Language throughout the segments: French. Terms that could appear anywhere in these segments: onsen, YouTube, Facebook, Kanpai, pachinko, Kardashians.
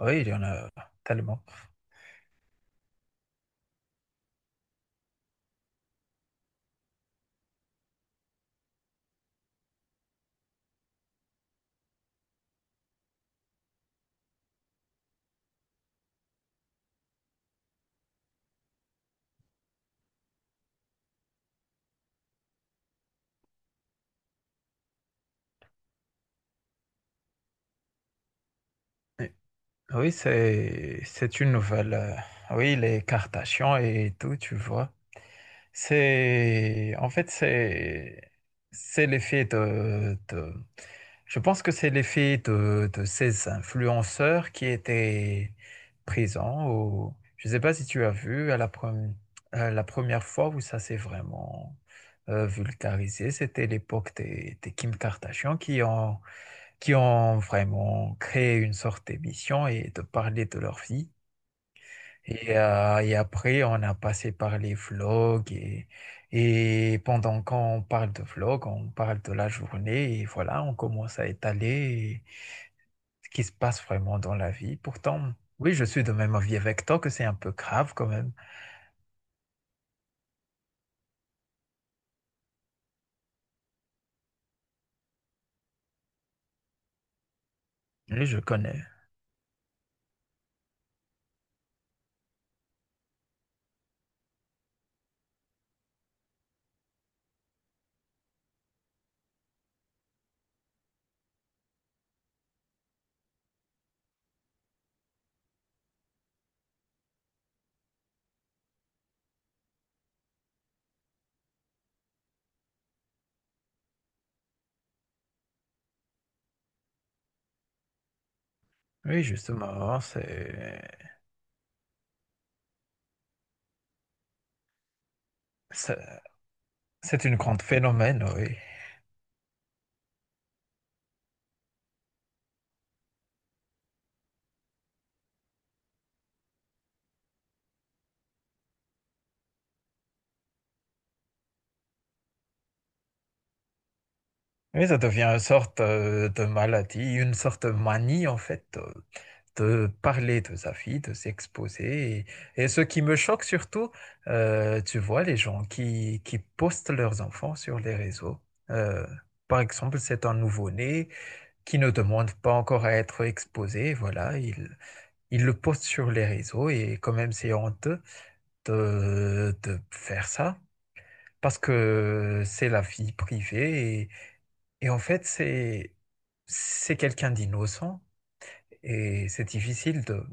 Oui, il y en a tellement. Et- Oui, c'est une nouvelle. Oui, les Kardashians et tout, tu vois. C'est en fait c'est l'effet de, je pense que c'est l'effet de ces influenceurs qui étaient présents au je ne sais pas si tu as vu à la première fois où ça s'est vraiment vulgarisé, c'était l'époque des Kim Kardashian qui ont vraiment créé une sorte d'émission et de parler de leur vie. Et après, on a passé par les vlogs et pendant qu'on parle de vlogs, on parle de la journée et voilà, on commence à étaler ce qui se passe vraiment dans la vie. Pourtant, oui, je suis de même avis avec toi que c'est un peu grave quand même. Oui, je connais. Oui, justement, c'est, c'est une grande phénomène, oui. Oui, ça devient une sorte de maladie, une sorte de manie en fait, de parler de sa vie, de s'exposer. Et ce qui me choque surtout, tu vois, les gens qui postent leurs enfants sur les réseaux. Euh, Par exemple, c'est un nouveau-né qui ne demande pas encore à être exposé. Voilà, il le poste sur les réseaux et quand même c'est honteux de faire ça parce que c'est la vie privée et en fait, c'est quelqu'un d'innocent et c'est difficile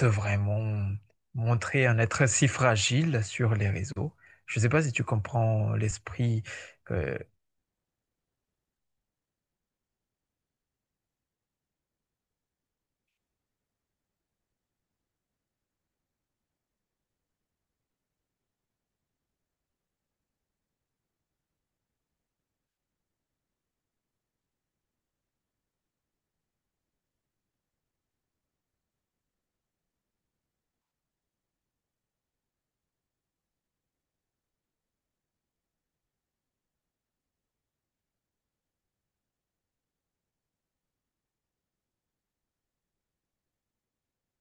de vraiment montrer un être si fragile sur les réseaux. Je ne sais pas si tu comprends l'esprit. euh,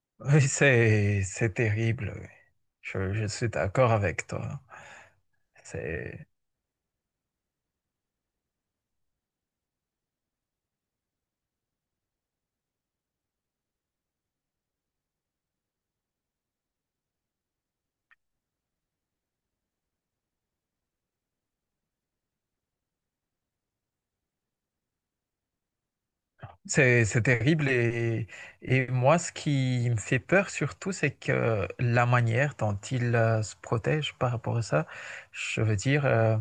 oui, c'est terrible. Oui. Je suis d'accord avec toi. C'est c'est c'est terrible et moi, ce qui me fait peur surtout, c'est que la manière dont ils se protègent par rapport à ça, je veux dire.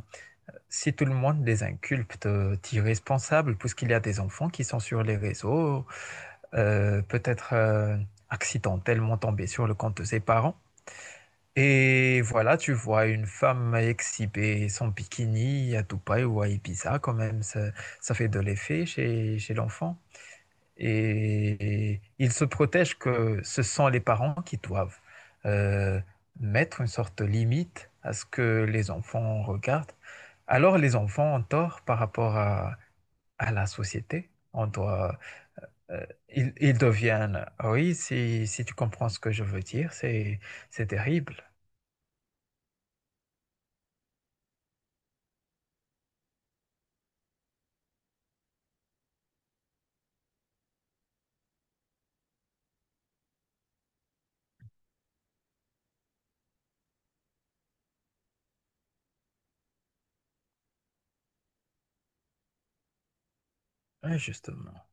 Si tout le monde les inculpte d'irresponsables, puisqu'il y a des enfants qui sont sur les réseaux, peut-être accidentellement tombés sur le compte de ses parents. Et voilà, tu vois une femme exhiber son bikini à Dubaï ou à Ibiza, quand même, ça fait de l'effet chez, chez l'enfant. Et ils se protègent que ce sont les parents qui doivent euh, mettre une sorte de limite à ce que les enfants regardent. Alors les enfants ont tort par rapport à la société. Euh, ils, ils deviennent, ah oui, si, si tu comprends ce que je veux dire, c'est terrible, hein, justement.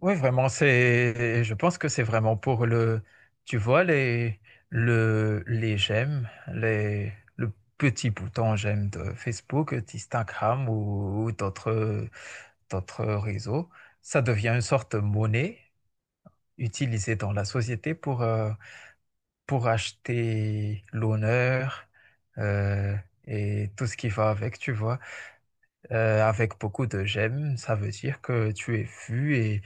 Oui, vraiment, c'est, je pense que c'est vraiment pour le, tu vois, les, le, les j'aime, les, le petit bouton j'aime de Facebook, d'Instagram ou d'autres, d'autres réseaux. Ça devient une sorte de monnaie utilisée dans la société pour acheter l'honneur, euh, et tout ce qui va avec, tu vois. Avec beaucoup de j'aime, ça veut dire que tu es vu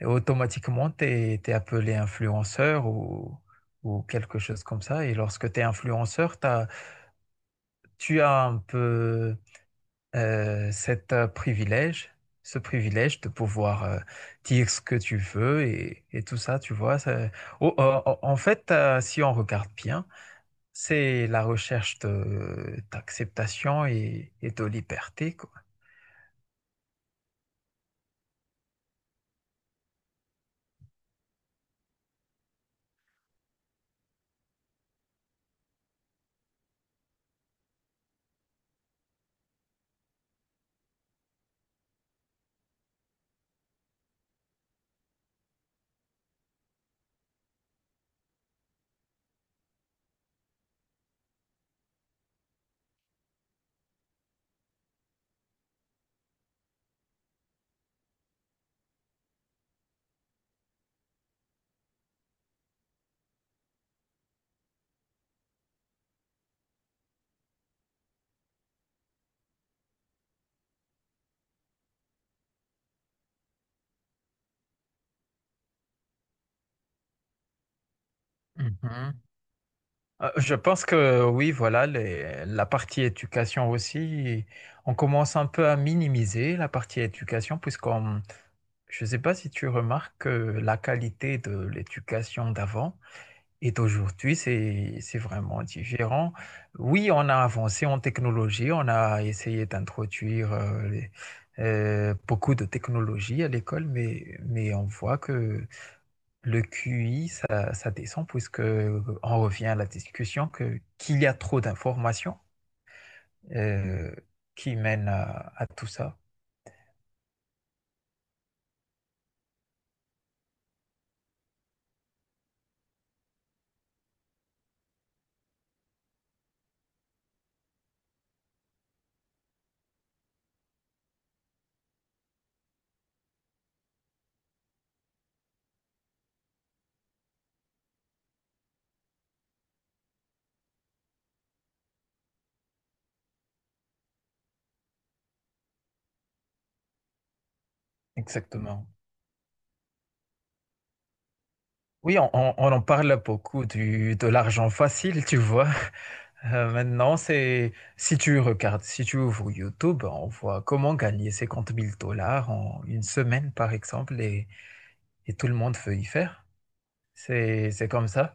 et automatiquement tu es, appelé influenceur ou quelque chose comme ça. Et lorsque tu es influenceur, tu as un peu cet privilège, ce privilège de pouvoir dire ce que tu veux et tout ça, tu vois. Oh, oh, oh, en fait, si on regarde bien, c'est la recherche de, d'acceptation et de liberté, quoi. Je pense que oui, voilà, la partie éducation aussi, on commence un peu à minimiser la partie éducation, puisqu'on, je ne sais pas si tu remarques que la qualité de l'éducation d'avant et d'aujourd'hui, c'est vraiment différent. Oui, on a avancé en technologie, on a essayé d'introduire beaucoup de technologies à l'école, mais on voit que le QI, ça, ça descend puisque on revient à la discussion que qu'il y a trop d'informations euh, qui mènent à tout ça. Exactement. Oui, on, on en parle beaucoup du, de l'argent facile, tu vois. Maintenant, c'est si tu regardes, si tu ouvres YouTube, on voit comment gagner 50 000 dollars en une semaine, par exemple, et tout le monde veut y faire. C'est comme ça.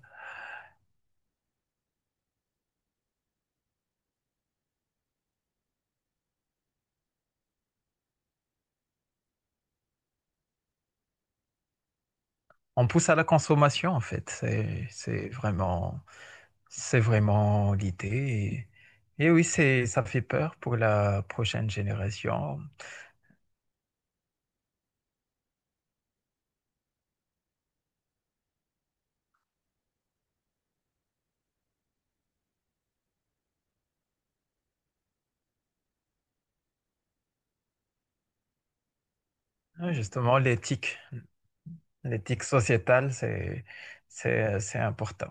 On pousse à la consommation, en fait. C'est vraiment l'idée. Et oui, c'est, ça fait peur pour la prochaine génération. Ouais, justement, l'éthique, l'éthique sociétale, c'est important.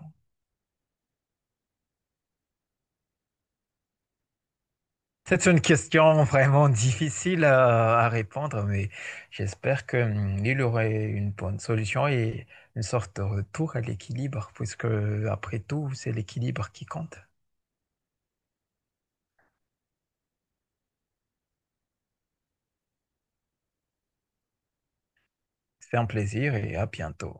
C'est une question vraiment difficile à répondre, mais j'espère que, il aurait une bonne solution et une sorte de retour à l'équilibre, puisque après tout, c'est l'équilibre qui compte. C'est un plaisir et à bientôt.